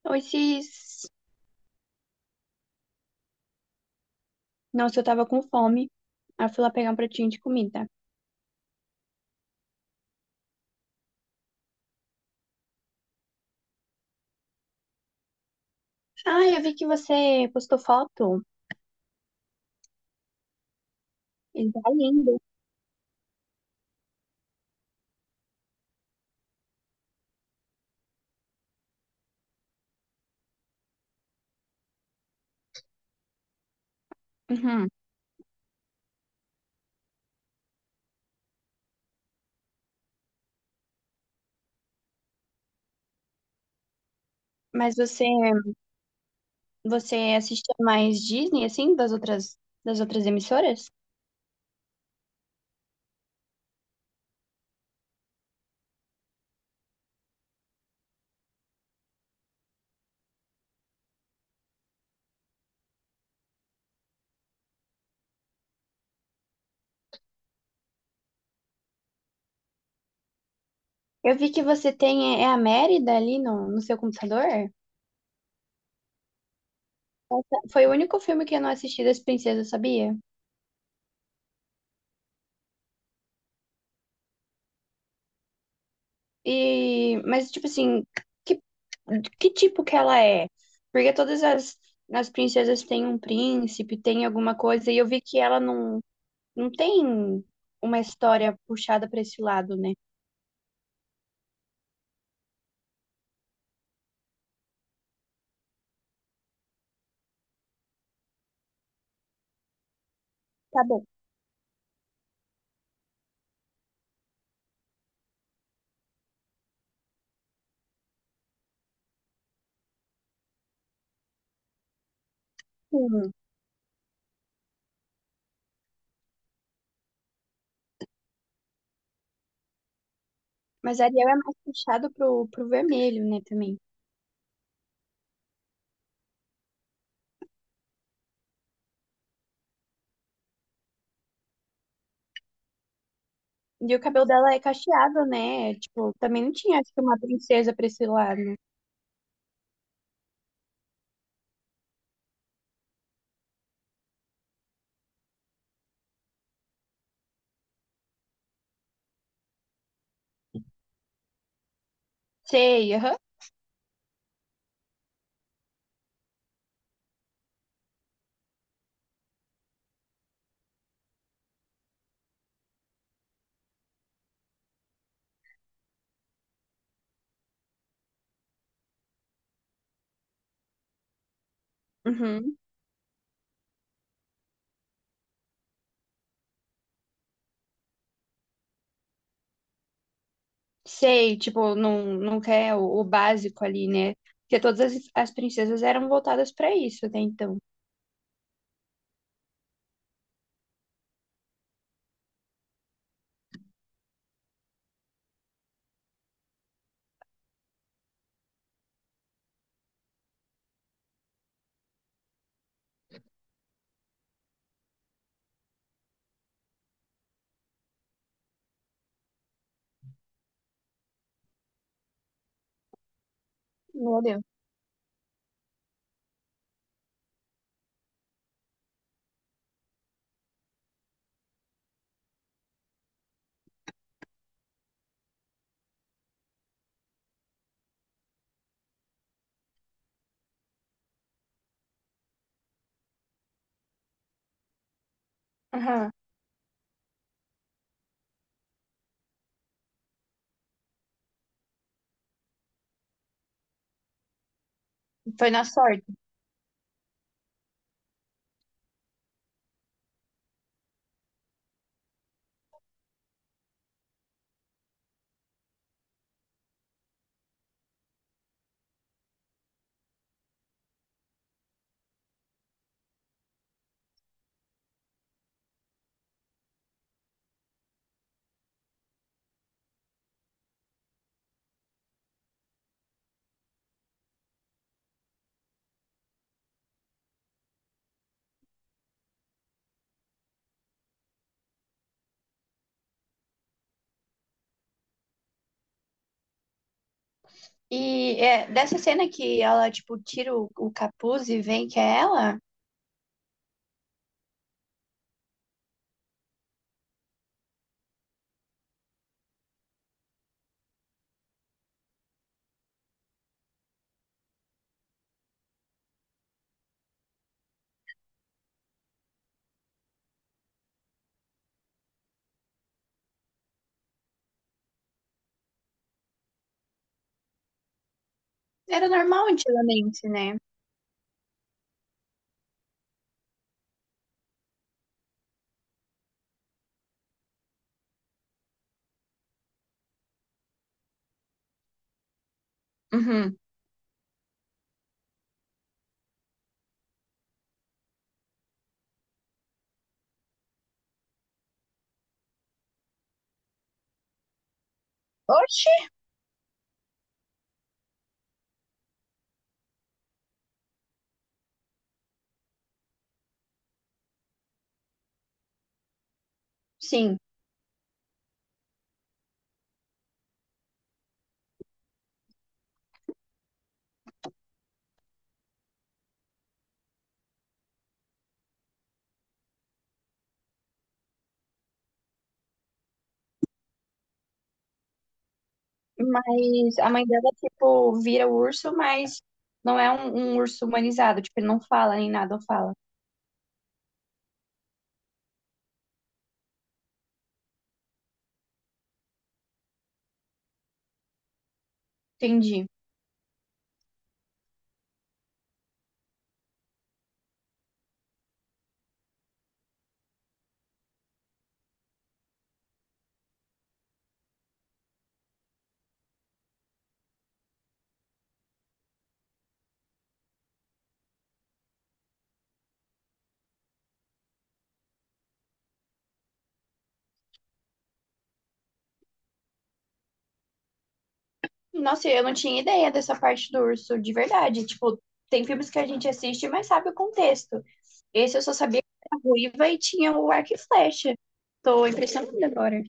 Então, esses... Nossa, eu tava com fome. Aí eu fui lá pegar um pratinho de comida. Ah, eu vi que você postou foto. Ele tá lindo. Uhum. Mas você, você assistia mais Disney, assim, das outras emissoras? Eu vi que você tem é a Mérida ali no seu computador. Essa- Foi o único filme que eu não assisti das princesas, sabia? E, mas, tipo assim, que, que tipo que ela é? Porque todas as princesas têm um príncipe, têm alguma coisa, e eu vi que ela não tem uma história puxada pra esse lado, né? Tá bom. Sim. Mas a Ariel é mais puxada pro vermelho, né, também. E o cabelo dela é cacheado, né? Tipo, também não tinha, acho que uma princesa pra esse lado. Sei, aham. Uhum. Sei, tipo, não, não quer o básico ali, né? Porque todas as princesas eram voltadas pra isso até então. Meu Deus. Aham. Foi na sorte. E é, dessa cena que ela, tipo, tira o capuz e vem que é ela. Era normal antigamente, né? Uhum. Oxi! Sim, mas a mãe dela, tipo, vira o urso, mas não é um urso humanizado, tipo, ele não fala nem nada, não fala. Entendi. Nossa, eu não tinha ideia dessa parte do urso, de verdade. Tipo, tem filmes que a gente assiste, mas sabe o contexto. Esse eu só sabia que era ruiva e tinha o arco e flecha. Tô impressionada agora.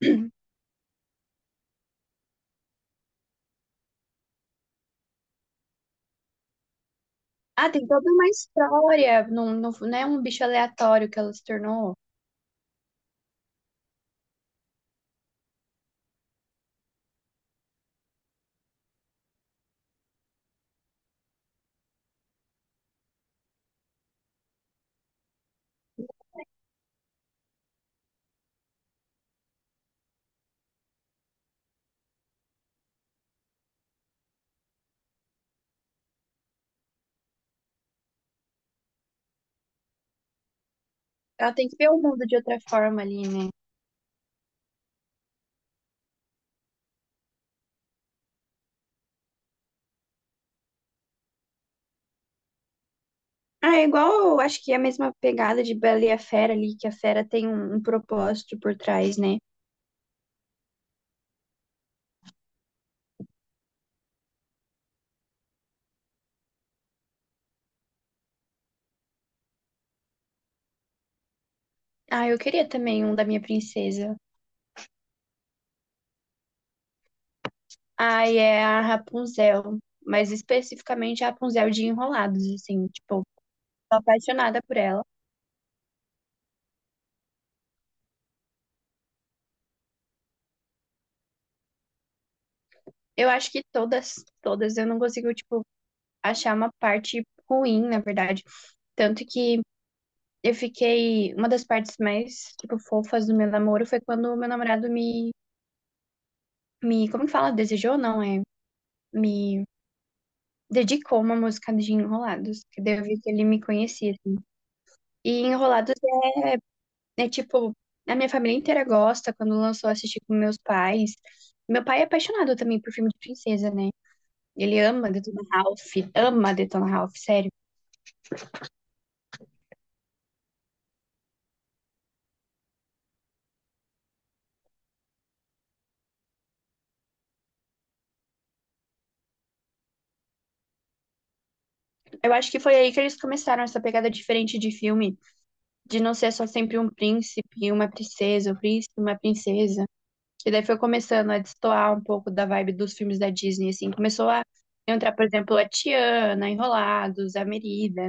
Ah, tem toda uma história. Não é um bicho aleatório que ela se tornou. Ela tem que ver o mundo de outra forma ali, né? Ah, é igual, eu acho que é a mesma pegada de Bela e a Fera ali, que a fera tem um propósito por trás, né? Ah, eu queria também um da minha princesa. Ai, é a Rapunzel, mas especificamente a Rapunzel de Enrolados, assim, tipo, tô apaixonada por ela. Eu acho que todas, eu não consigo, tipo, achar uma parte ruim, na verdade. Tanto que eu fiquei, uma das partes mais, tipo, fofas do meu namoro foi quando o meu namorado me, como que fala? Desejou, não, é? Me dedicou uma música de Enrolados, que daí eu vi que ele me conhecia, assim. E Enrolados é tipo, a minha família inteira gosta, quando lançou eu assisti com meus pais. Meu pai é apaixonado também por filme de princesa, né? Ele ama Detona Ralph, sério. Eu acho que foi aí que eles começaram essa pegada diferente de filme, de não ser só sempre um príncipe e uma princesa, um príncipe e uma princesa. E daí foi começando a destoar um pouco da vibe dos filmes da Disney, assim. Começou a entrar, por exemplo, a Tiana, Enrolados, a Merida.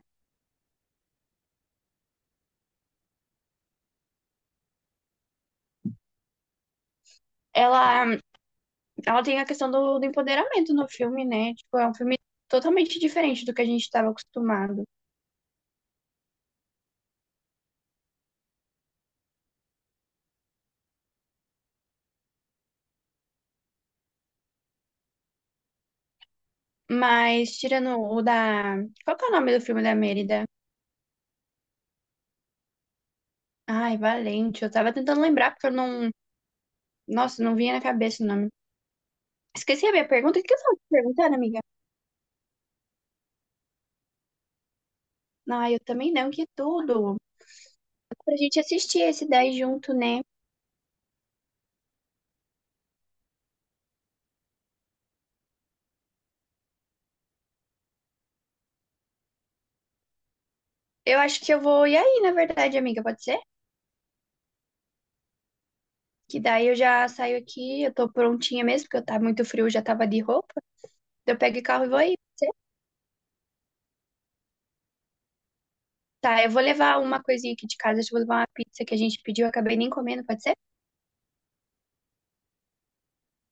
Ela Ela tem a questão do, do empoderamento no filme, né? Tipo, é um filme totalmente diferente do que a gente estava acostumado. Mas tirando o da. Qual que é o nome do filme da Mérida? Ai, Valente. Eu tava tentando lembrar, porque eu não. Nossa, não vinha na cabeça o nome. Esqueci a minha pergunta. O que eu tava te perguntando, amiga? Ah, eu também não, que tudo. Pra gente assistir esse daí junto, né? Eu acho que eu vou ir aí, na verdade, amiga, pode ser? Que daí eu já saio aqui, eu tô prontinha mesmo, porque eu tá muito frio, eu já tava de roupa. Eu pego o carro e vou aí. Tá, eu vou levar uma coisinha aqui de casa, acho que eu vou levar uma pizza que a gente pediu, eu acabei nem comendo, pode ser?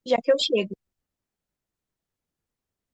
Já que eu chego.